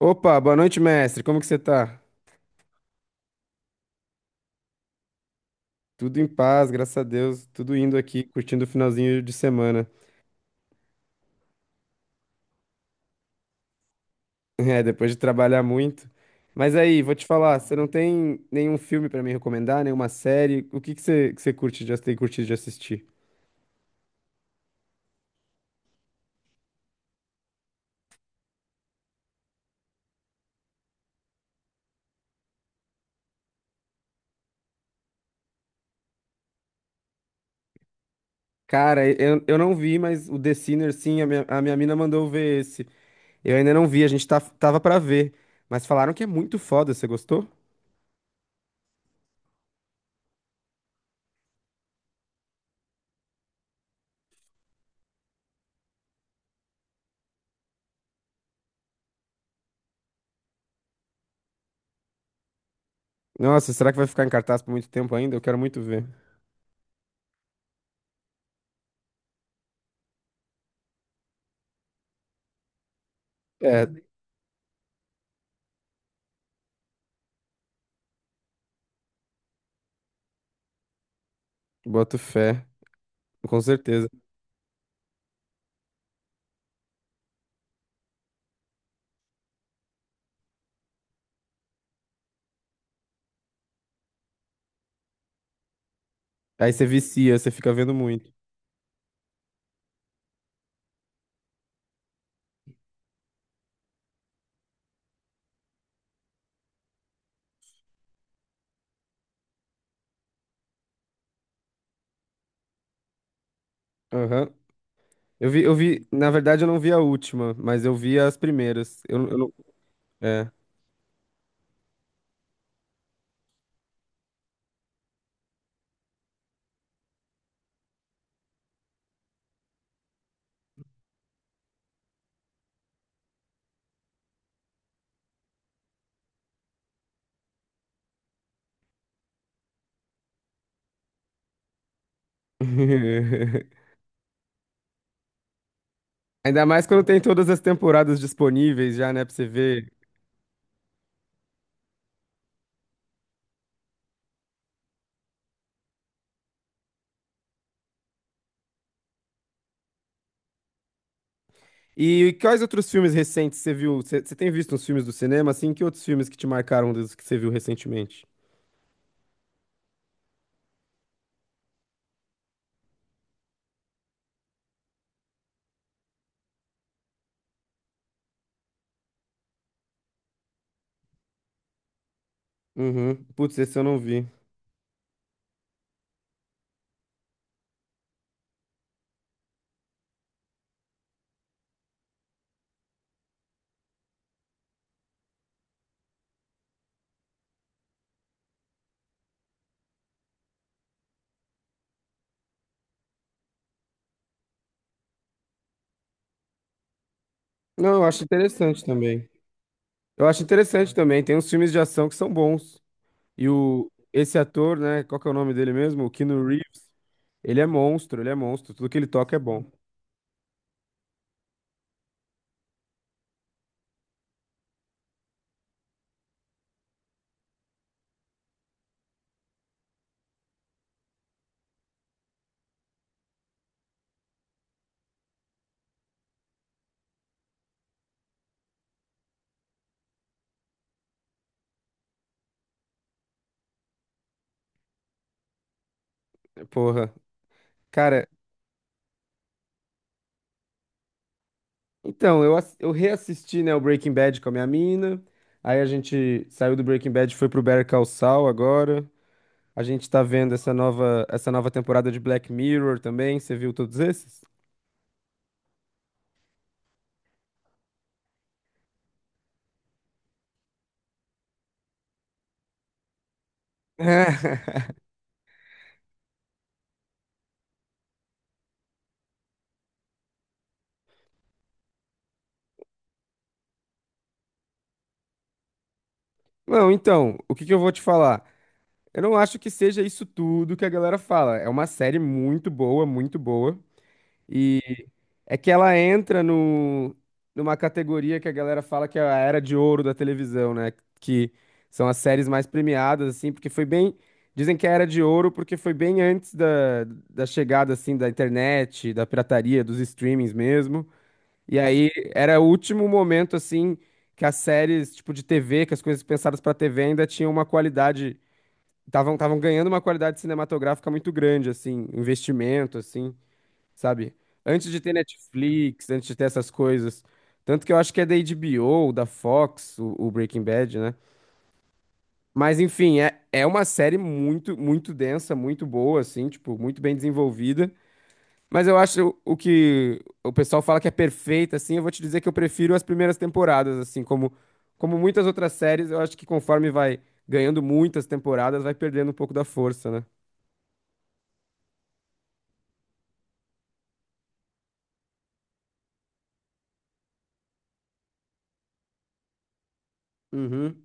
Opa, boa noite, mestre. Como que você tá? Tudo em paz, graças a Deus. Tudo indo aqui, curtindo o finalzinho de semana. É, depois de trabalhar muito. Mas aí, vou te falar, você não tem nenhum filme pra me recomendar, nenhuma série? O que que você curte, já tem curtido de assistir? Cara, eu não vi, mas o The Sinner, sim, a minha mina mandou ver esse. Eu ainda não vi, a gente tava pra ver. Mas falaram que é muito foda, você gostou? Nossa, será que vai ficar em cartaz por muito tempo ainda? Eu quero muito ver. É, boto fé, com certeza. Aí você vicia, você fica vendo muito. Aham. Eu vi, na verdade eu não vi a última, mas eu vi as primeiras. Eu não, é. Ainda mais quando tem todas as temporadas disponíveis já, né, pra você ver. E quais outros filmes recentes você viu? Você tem visto uns filmes do cinema, assim? Que outros filmes que te marcaram dos que você viu recentemente? Uhum. Putz, esse eu não vi. Não, eu acho interessante também. Eu acho interessante também. Tem uns filmes de ação que são bons. E o, esse ator, né? Qual que é o nome dele mesmo? O Keanu Reeves. Ele é monstro, ele é monstro. Tudo que ele toca é bom. Porra. Cara, então, eu reassisti, né, o Breaking Bad com a minha mina. Aí a gente saiu do Breaking Bad, e foi pro Better Call Saul agora. A gente tá vendo essa nova temporada de Black Mirror também. Você viu todos esses? Não, então, o que que eu vou te falar? Eu não acho que seja isso tudo que a galera fala. É uma série muito boa, muito boa. É que ela entra no, numa categoria que a galera fala que é a era de ouro da televisão, né? Que são as séries mais premiadas, assim, porque foi bem. Dizem que é a era de ouro porque foi bem antes da chegada, assim, da internet, da pirataria, dos streamings mesmo. E aí era o último momento, assim, que as séries, tipo, de TV, que as coisas pensadas pra TV ainda tinham uma qualidade. Estavam ganhando uma qualidade cinematográfica muito grande, assim, investimento, assim, sabe? Antes de ter Netflix, antes de ter essas coisas. Tanto que eu acho que é da HBO, da Fox, o Breaking Bad, né? Mas enfim, é, é uma série muito, muito densa, muito boa, assim, tipo, muito bem desenvolvida. Mas eu acho o que o pessoal fala que é perfeita, assim, eu vou te dizer que eu prefiro as primeiras temporadas, assim, como, como muitas outras séries, eu acho que conforme vai ganhando muitas temporadas, vai perdendo um pouco da força, né? Uhum.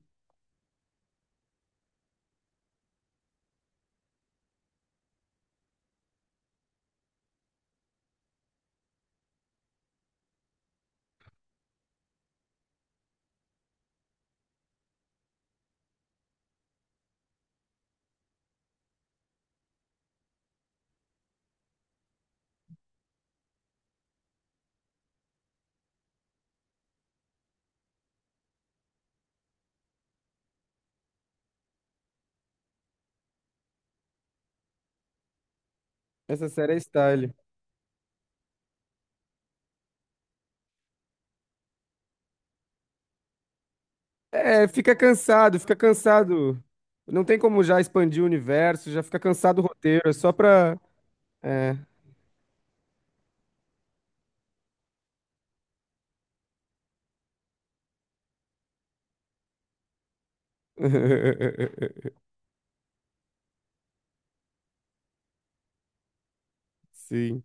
Essa série é style. É, fica cansado, fica cansado. Não tem como já expandir o universo, já fica cansado o roteiro, é só pra. É. Sim.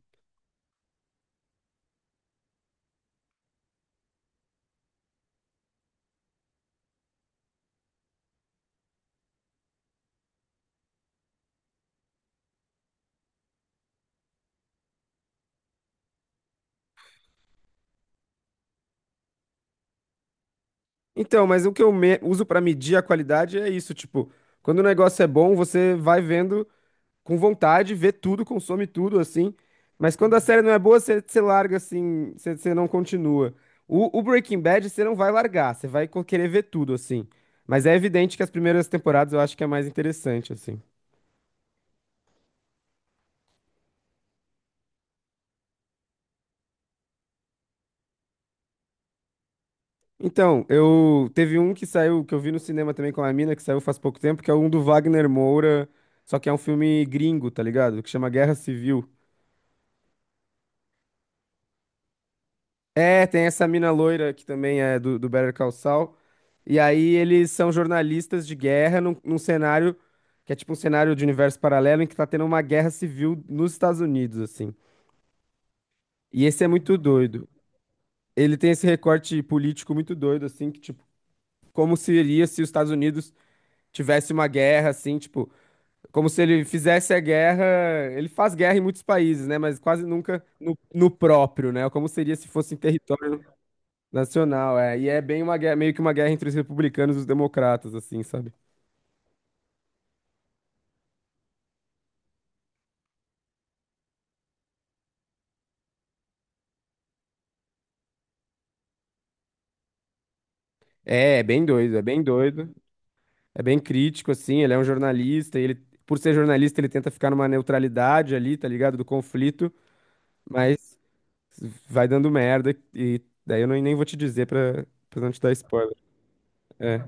Então, mas o que eu uso pra medir a qualidade é isso, tipo, quando o negócio é bom, você vai vendo com vontade, vê tudo, consome tudo, assim. Mas quando a série não é boa, você larga assim, você não continua. O Breaking Bad, você não vai largar, você vai querer ver tudo, assim. Mas é evidente que as primeiras temporadas eu acho que é mais interessante, assim. Então, eu teve um que saiu, que eu vi no cinema também com a mina, que saiu faz pouco tempo, que é um do Wagner Moura, só que é um filme gringo, tá ligado? Que chama Guerra Civil. É, tem essa mina loira que também é do Better Call Saul. E aí eles são jornalistas de guerra num cenário que é tipo um cenário de universo paralelo em que tá tendo uma guerra civil nos Estados Unidos, assim. E esse é muito doido. Ele tem esse recorte político muito doido, assim, que tipo, como seria se os Estados Unidos tivesse uma guerra, assim, tipo. Como se ele fizesse a guerra. Ele faz guerra em muitos países, né? Mas quase nunca no próprio, né? Como seria se fosse em território nacional, é. E é bem uma guerra, meio que uma guerra entre os republicanos e os democratas, assim, sabe? É, é bem doido, é bem doido. É bem crítico, assim. Ele é um jornalista e ele, por ser jornalista, ele tenta ficar numa neutralidade ali, tá ligado? Do conflito, mas vai dando merda. E daí eu nem vou te dizer pra, pra não te dar spoiler. É.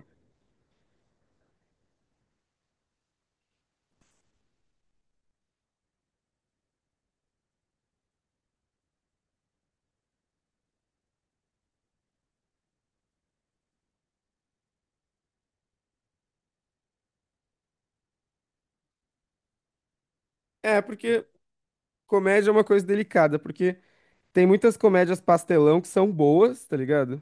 É, porque comédia é uma coisa delicada, porque. Tem muitas comédias pastelão que são boas, tá ligado?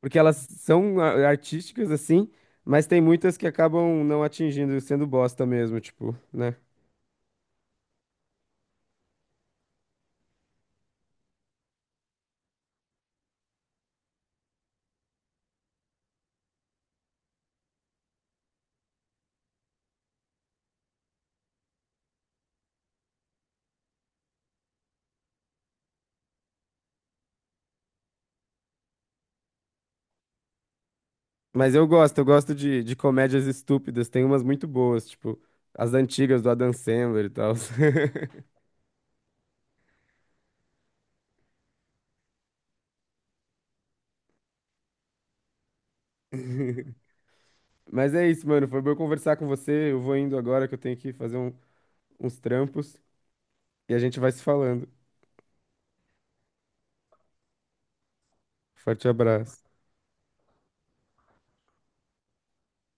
Porque elas são artísticas, assim, mas tem muitas que acabam não atingindo, sendo bosta mesmo, tipo, né? Mas eu gosto de comédias estúpidas, tem umas muito boas, tipo, as antigas do Adam Sandler e tal. Mas é isso, mano, foi bom conversar com você, eu vou indo agora que eu tenho que fazer uns trampos e a gente vai se falando. Forte abraço.